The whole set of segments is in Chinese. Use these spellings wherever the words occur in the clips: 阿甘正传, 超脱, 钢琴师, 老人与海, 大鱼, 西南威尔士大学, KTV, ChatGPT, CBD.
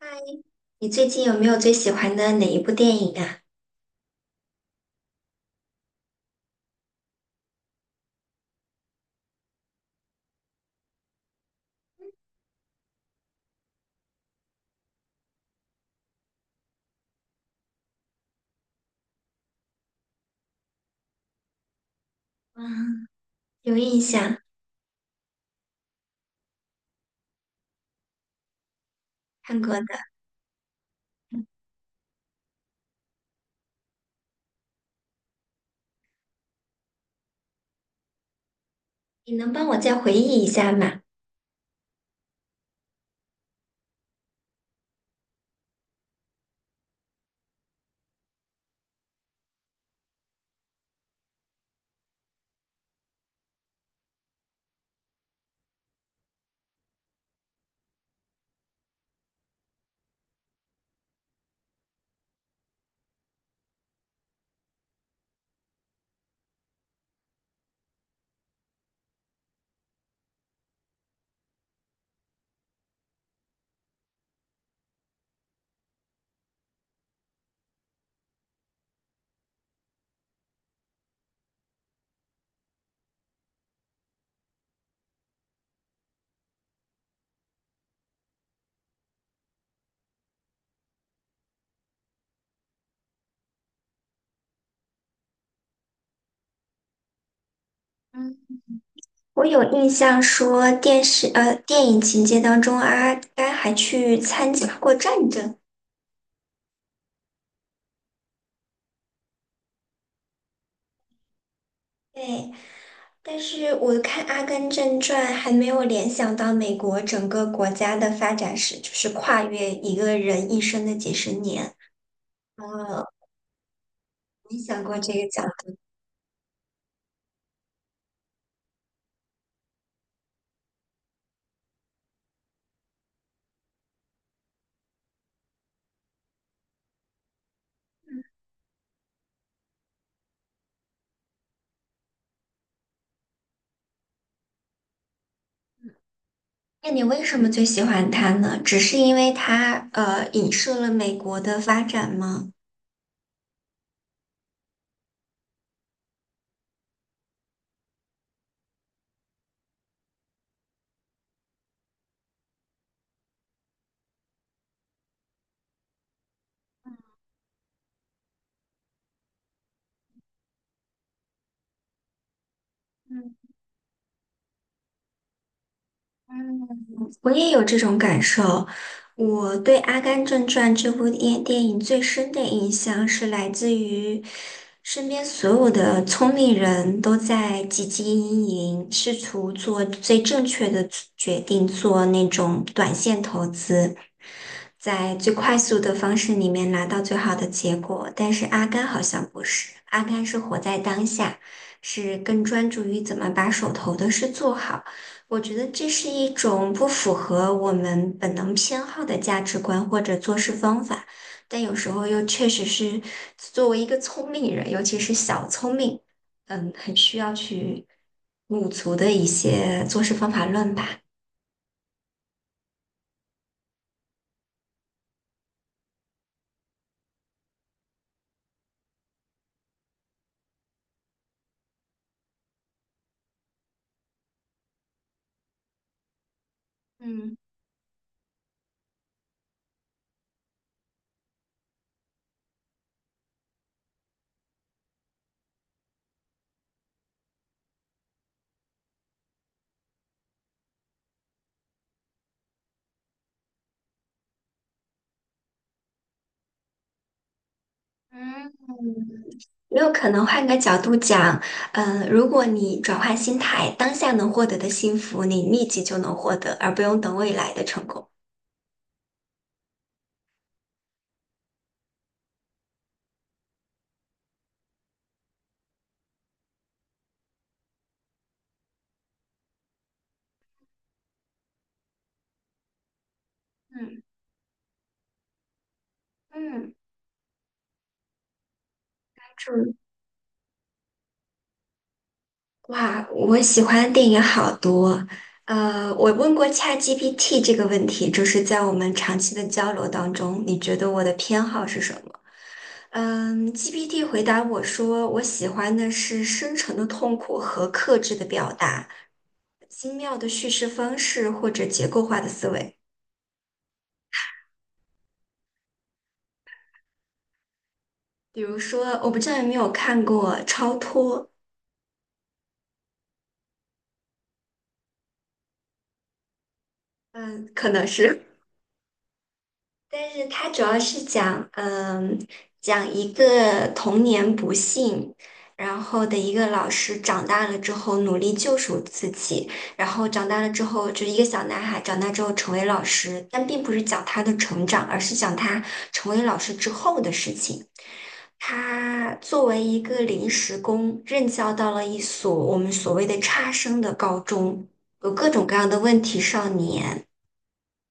嗨，你最近有没有最喜欢的哪一部电影啊？嗯，有印象，看过的。你能帮我再回忆一下吗？嗯，我有印象说电影情节当中，阿甘还去参加过战争。对，但是我看《阿甘正传》还没有联想到美国整个国家的发展史，就是跨越一个人一生的几十年。呃，你想过这个角？那你为什么最喜欢他呢？只是因为他影射了美国的发展吗？嗯，我也有这种感受。我对《阿甘正传》这部电影最深的印象是来自于身边所有的聪明人都在汲汲营营，试图做最正确的决定，做那种短线投资，在最快速的方式里面拿到最好的结果。但是阿甘好像不是，阿甘是活在当下，是更专注于怎么把手头的事做好。我觉得这是一种不符合我们本能偏好的价值观或者做事方法，但有时候又确实是作为一个聪明人，尤其是小聪明，嗯，很需要去补足的一些做事方法论吧。嗯。嗯，没有可能换个角度讲，嗯，如果你转换心态，当下能获得的幸福，你立即就能获得，而不用等未来的成功。嗯嗯，关注哇，我喜欢的电影好多。我问过 ChatGPT 这个问题，就是在我们长期的交流当中，你觉得我的偏好是什么？嗯，GPT 回答我说，我喜欢的是深沉的痛苦和克制的表达，精妙的叙事方式或者结构化的思维。比如说，我不知道有没有看过《超脱》，嗯，可能是。但是它主要是讲，讲一个童年不幸，然后的一个老师长大了之后努力救赎自己，然后长大了之后就是一个小男孩长大之后成为老师，但并不是讲他的成长，而是讲他成为老师之后的事情。他作为一个临时工，任教到了一所我们所谓的差生的高中，有各种各样的问题少年。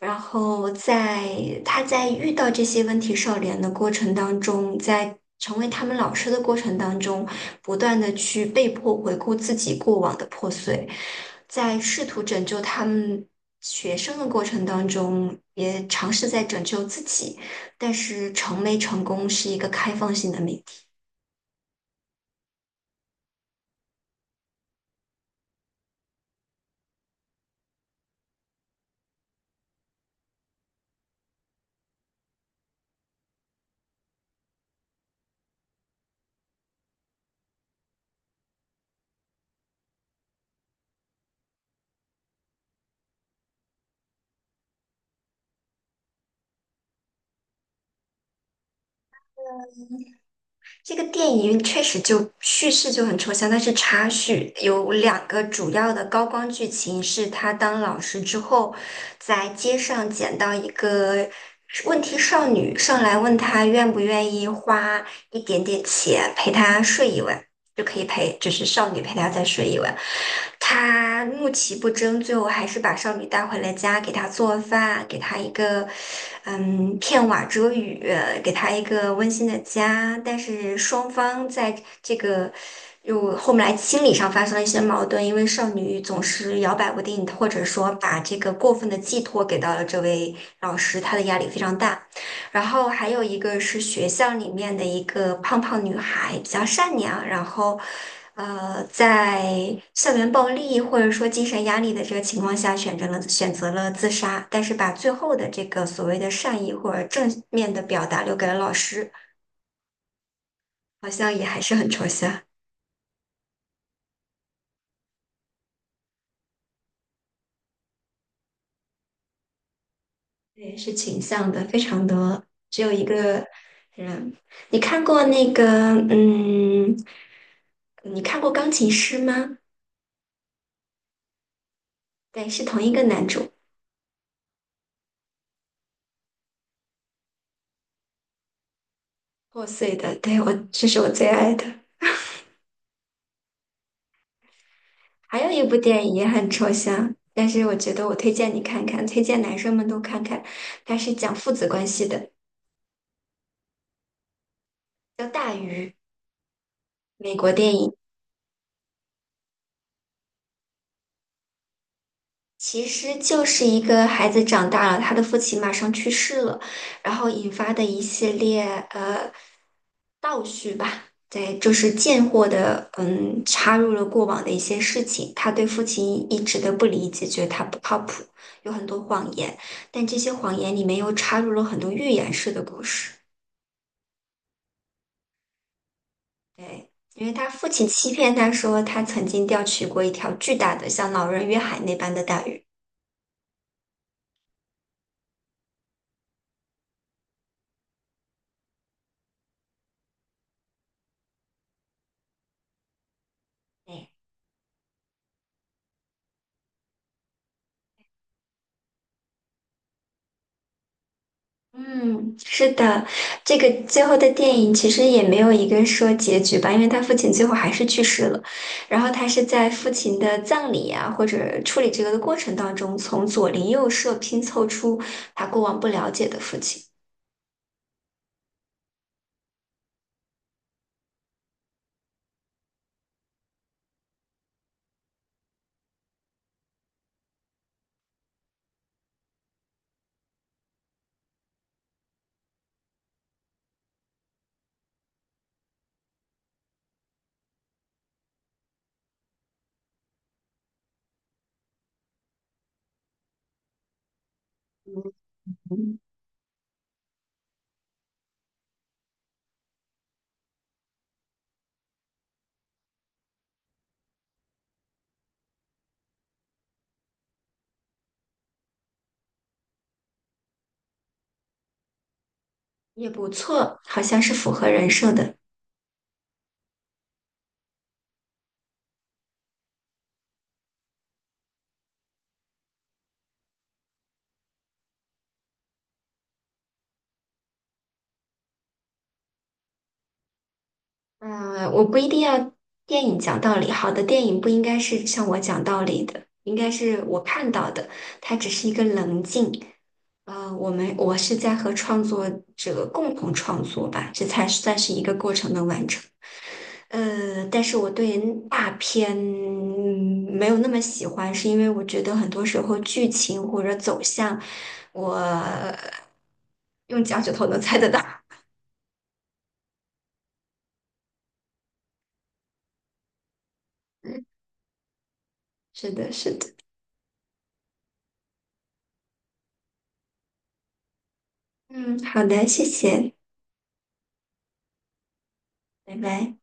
然后在他在遇到这些问题少年的过程当中，在成为他们老师的过程当中，不断的去被迫回顾自己过往的破碎，在试图拯救他们学生的过程当中，也尝试在拯救自己，但是成没成功是一个开放性的命题。这个电影确实就叙事就很抽象，但是插叙有两个主要的高光剧情是他当老师之后，在街上捡到一个问题少女，上来问他愿不愿意花一点点钱陪她睡一晚，就可以陪，就是少女陪她再睡一晚。他怒其不争，最后还是把少女带回了家，给她做饭，给她一个片瓦遮雨，给她一个温馨的家。但是双方在这个又后面来心理上发生了一些矛盾，因为少女总是摇摆不定，或者说把这个过分的寄托给到了这位老师，她的压力非常大。然后还有一个是学校里面的一个胖胖女孩，比较善良，然后，在校园暴力或者说精神压力的这个情况下，选择了自杀，但是把最后的这个所谓的善意或者正面的表达留给了老师，好像也还是很抽象，对，是倾向的，非常的只有一个人。你看过那个，嗯，你看过钢琴师吗？对，是同一个男主。破碎的，对，我，这是我最爱的。还有一部电影也很抽象，但是我觉得我推荐你看看，推荐男生们都看看。它是讲父子关系的，叫《大鱼》，美国电影。其实就是一个孩子长大了，他的父亲马上去世了，然后引发的一系列呃倒叙吧，对，就是贱货的插入了过往的一些事情，他对父亲一直的不理解，觉得他不靠谱，有很多谎言，但这些谎言里面又插入了很多寓言式的故事，对。因为他父亲欺骗他说，他曾经钓取过一条巨大的，像老人与海那般的大鱼。对嗯，是的，这个最后的电影其实也没有一个说结局吧，因为他父亲最后还是去世了。然后他是在父亲的葬礼啊，或者处理这个的过程当中，从左邻右舍拼凑出他过往不了解的父亲，嗯，也不错，好像是符合人设的。嗯，我不一定要电影讲道理，好的电影不应该是向我讲道理的，应该是我看到的，它只是一个棱镜。呃，我们我是在和创作者共同创作吧，这才算是一个过程的完成。但是我对大片没有那么喜欢，是因为我觉得很多时候剧情或者走向，我用脚趾头能猜得到。是的，是的。嗯，好的，谢谢，拜拜。